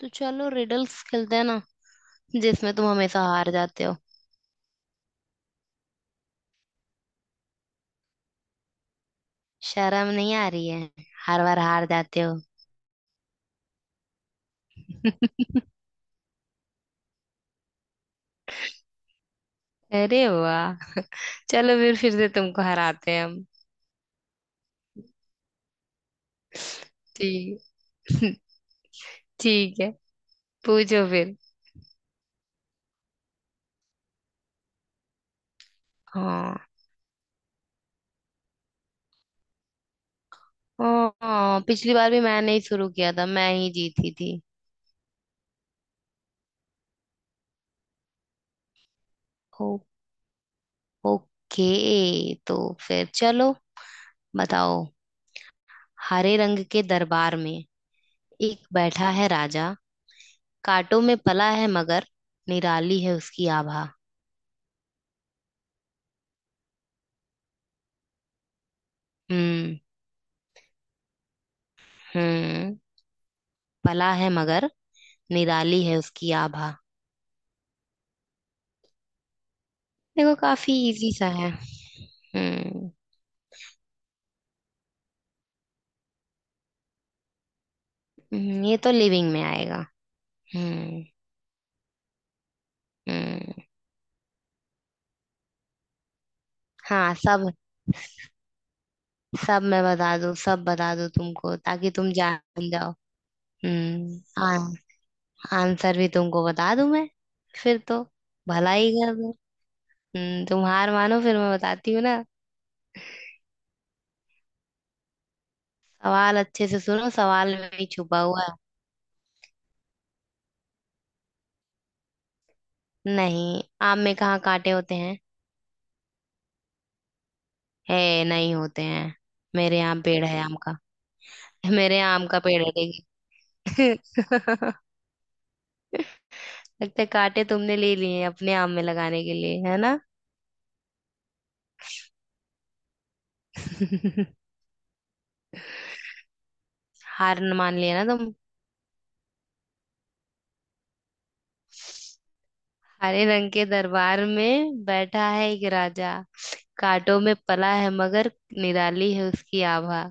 तो चलो रिडल्स खेलते हैं ना। जिसमें तुम हमेशा हार जाते हो। शर्म नहीं आ रही है? हर बार हार जाते हो। अरे वाह। चलो फिर से तुमको हराते हैं हम। ठीक। ठीक है। पूछो फिर। हाँ। हाँ, पिछली बार भी मैंने ही शुरू किया था, मैं ही जीती थी। ओ, ओके। तो फिर चलो, बताओ। हरे रंग के दरबार में एक बैठा है राजा। कांटों में पला है मगर निराली है उसकी आभा। हम्म। हम्म, पला है मगर निराली है उसकी आभा। देखो काफी इजी सा है। हम्म। ये तो लिविंग में आएगा। हम्म। हम्म। हाँ, सब। सब मैं बता दूं सब बता दूं तुमको ताकि तुम जान जाओ। हम्म आ, आंसर भी तुमको बता दूं मैं, फिर तो भला ही कर दूं। हम्म, तुम हार मानो फिर मैं बताती हूँ ना। सवाल अच्छे से सुनो, सवाल में ही छुपा हुआ है। नहीं, आम में कहाँ कांटे होते हैं। है नहीं होते हैं। मेरे यहाँ पेड़ है आम का। मेरे यहाँ आम का पेड़ है देखिए। लगता है कांटे तुमने ले लिए अपने आम में लगाने के लिए, है ना। हार न मान लिया ना तुम। हरे रंग के दरबार में बैठा है एक राजा, कांटों में पला है मगर निराली है उसकी आभा।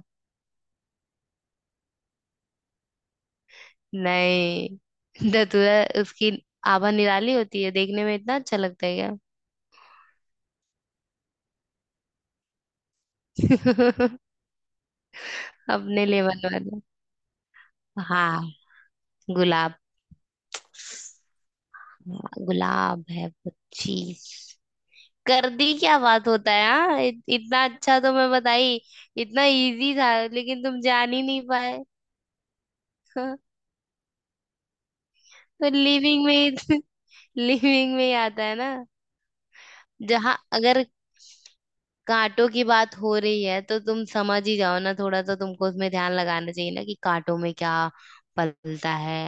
नहीं। धतूरा उसकी आभा निराली होती है देखने में, इतना अच्छा लगता है क्या? अपने लिए बनवा दो। हाँ, गुलाब। हाँ, गुलाब है वो चीज। कर दी क्या बात होता है, हाँ, इतना अच्छा तो मैं बताई। इतना इजी था लेकिन तुम जान ही नहीं पाए। हाँ, तो लिविंग में, लिविंग में ही आता है ना। जहाँ अगर कांटों की बात हो रही है तो तुम समझ ही जाओ ना, थोड़ा तो तुमको उसमें ध्यान लगाना चाहिए ना कि कांटों में क्या पलता है।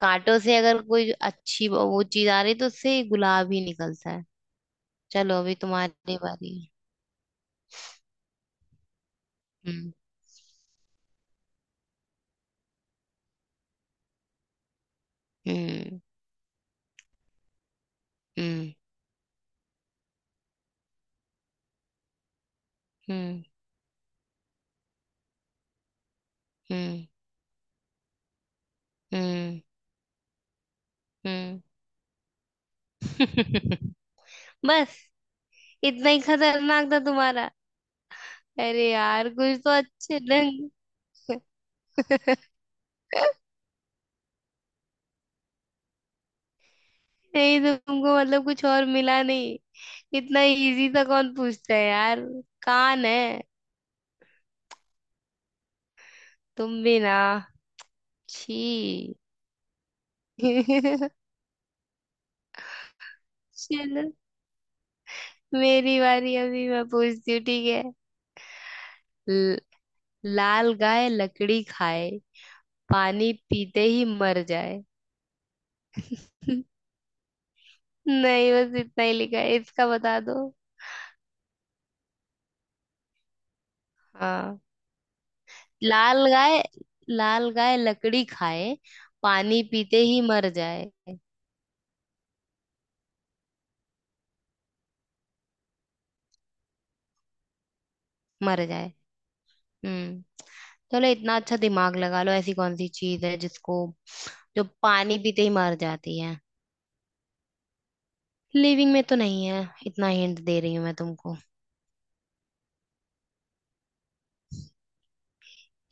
कांटों से अगर कोई अच्छी वो चीज आ रही तो उससे गुलाब ही निकलता है। चलो अभी तुम्हारी बारी है। हम्म। हम्म। हम्म। हम्म। हम्म। हम्म। हम्म। बस, इतना ही खतरनाक था तुम्हारा? अरे यार कुछ तो अच्छे ढंग। नहीं, तुमको मतलब कुछ और मिला नहीं? इतना इजी था कौन पूछता है यार। कान है। तुम भी ना। छी। चलो मेरी बारी, अभी मैं पूछती हूँ ठीक है। ल- लाल गाय लकड़ी खाए, पानी पीते ही मर जाए। नहीं, बस इतना ही लिखा है, इसका बता दो। हाँ। लाल गाय। लाल गाय लकड़ी खाए, पानी पीते ही मर जाए। मर जाए। हम्म। चलो इतना अच्छा दिमाग लगा लो, ऐसी कौन सी चीज है जिसको, जो पानी पीते ही मर जाती है। लिविंग में तो नहीं है, इतना हिंट दे रही हूँ मैं तुमको।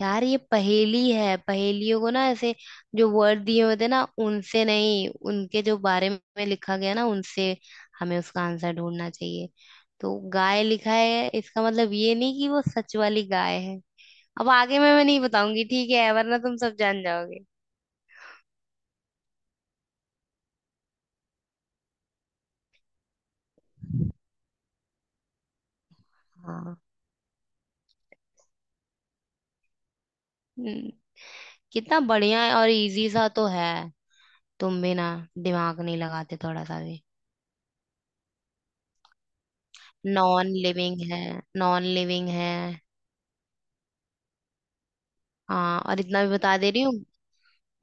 यार ये पहेली है, पहेलियों को ना ऐसे, जो वर्ड दिए होते हैं ना उनसे नहीं, उनके जो बारे में लिखा गया ना उनसे हमें उसका आंसर ढूंढना चाहिए। तो गाय लिखा है इसका मतलब ये नहीं कि वो सच वाली गाय है। अब आगे मैं नहीं बताऊंगी ठीक है, वरना तुम सब जान जाओगे। हाँ। हम्म, कितना बढ़िया है और इजी सा तो है। तुम भी ना, दिमाग नहीं लगाते थोड़ा सा भी। नॉन लिविंग है। नॉन लिविंग है। हाँ, और इतना भी बता दे रही हूँ,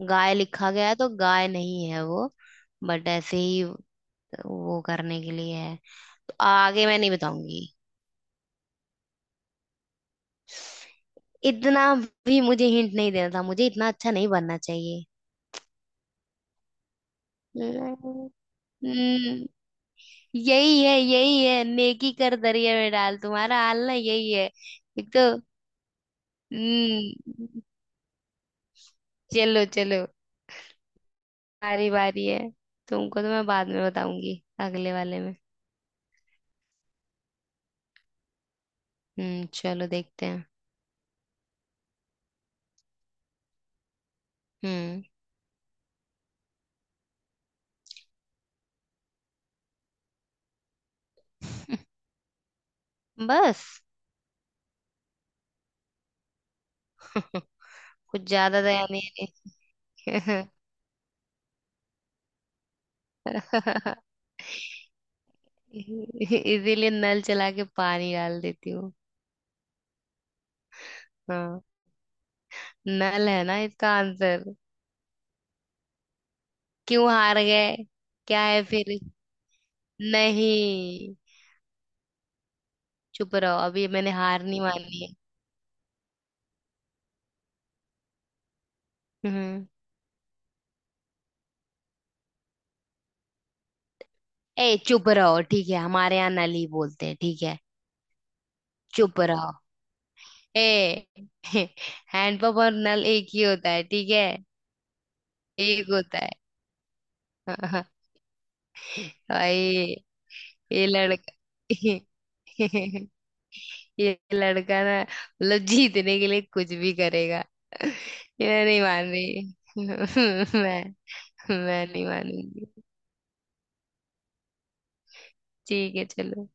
गाय लिखा गया है तो गाय नहीं है वो। बट ऐसे ही वो करने के लिए है। तो आगे मैं नहीं बताऊंगी। इतना भी मुझे हिंट नहीं देना था, मुझे इतना अच्छा नहीं बनना चाहिए। नहीं। हम्म, यही है, यही है नेकी कर दरिया में डाल, तुम्हारा हाल ना यही है। एक तो। हम्म, चलो चलो, बारी बारी है, तुमको तो मैं बाद में बताऊंगी अगले वाले में। चलो देखते हैं। हम्म। बस? कुछ ज्यादा दया नहीं है। इसीलिए नल चला के पानी डाल देती हूँ। हाँ, नल है ना इसका आंसर। क्यों हार गए? क्या है फिर? नहीं। चुप रहो, अभी मैंने हार नहीं मानी है। हम्म। ए चुप रहो, ठीक है हमारे यहाँ नल ही बोलते हैं, ठीक है। चुप रहो। ए हैंडपंप और नल एक ही होता है ठीक है। एक होता है। भाई, ये लड़का। ये लड़का ना, मतलब जीतने के लिए कुछ भी करेगा। ये नहीं मान रही मैं। मैं नहीं मानूंगी। ठीक है चलो।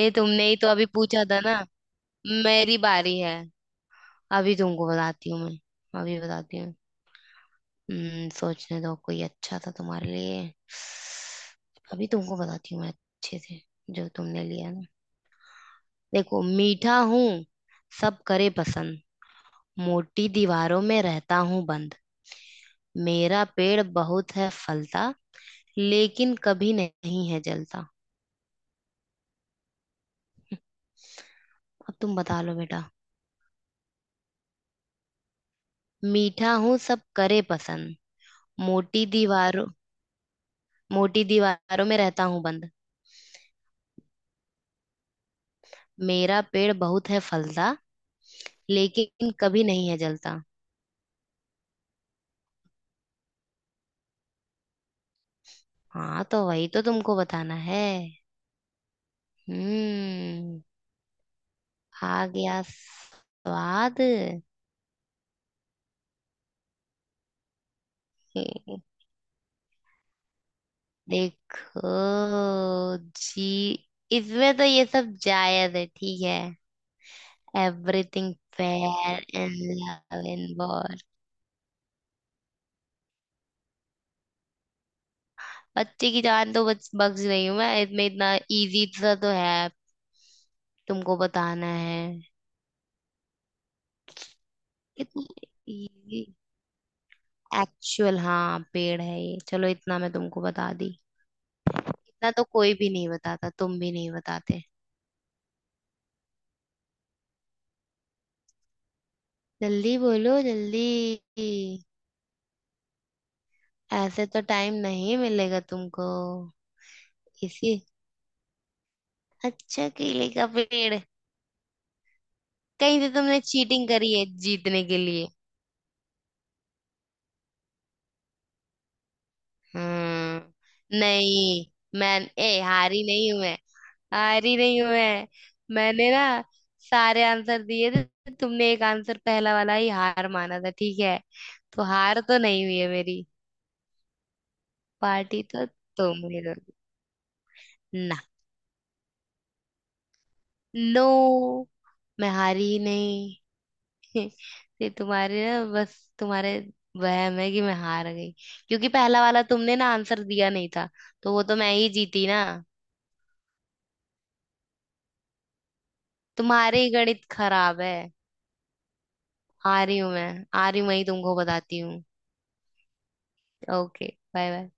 ए तुमने ही तो अभी पूछा था ना, मेरी बारी है। अभी तुमको बताती हूँ मैं, अभी बताती हूँ। हम्म, सोचने दो कोई अच्छा था तुम्हारे लिए। अभी तुमको बताती हूँ मैं अच्छे से, जो तुमने लिया ना। देखो, मीठा हूँ सब करे पसंद, मोटी दीवारों में रहता हूँ बंद, मेरा पेड़ बहुत है फलता, लेकिन कभी नहीं है जलता। अब तुम बता लो बेटा। मीठा हूँ सब करे पसंद। मोटी दीवारों मोटी दीवारों में रहता हूँ बंद। मेरा पेड़ बहुत है फलता। लेकिन कभी नहीं है जलता। हाँ तो वही तो तुमको बताना है। हम्म, आ गया स्वाद। देखो जी, इसमें तो ये सब जायज है ठीक है, everything fair in love in war. बच्चे की जान तो बच बख्श रही हूँ मैं, इसमें इतना इजी सा तो है, तुमको बताना है। इतना इजी। एक्चुअल हाँ पेड़ है ये, चलो इतना मैं तुमको बता दी, इतना तो कोई भी नहीं बताता, तुम भी नहीं बताते। जल्दी बोलो जल्दी। ऐसे तो टाइम नहीं मिलेगा तुमको। इसी। अच्छा केले का पेड़? कहीं से तुमने चीटिंग करी है जीतने के लिए। हम्म, नहीं। मैं। ए हारी नहीं हूं मैं। हारी नहीं हूं मैं। मैंने ना सारे आंसर दिए थे, तुमने एक आंसर पहला वाला ही हार माना था ठीक है, तो हार तो नहीं हुई है मेरी। पार्टी तो तुम ही दोगी ना। नो, मैं हारी ही नहीं। ये तुम्हारे ना, बस तुम्हारे वहम है कि मैं हार गई। क्योंकि पहला वाला तुमने ना आंसर दिया नहीं था, तो वो तो मैं ही जीती ना। तुम्हारे ही गणित खराब है। आ रही हूँ मैं, आ रही हूँ, वही तुमको बताती हूँ। ओके। Bye bye.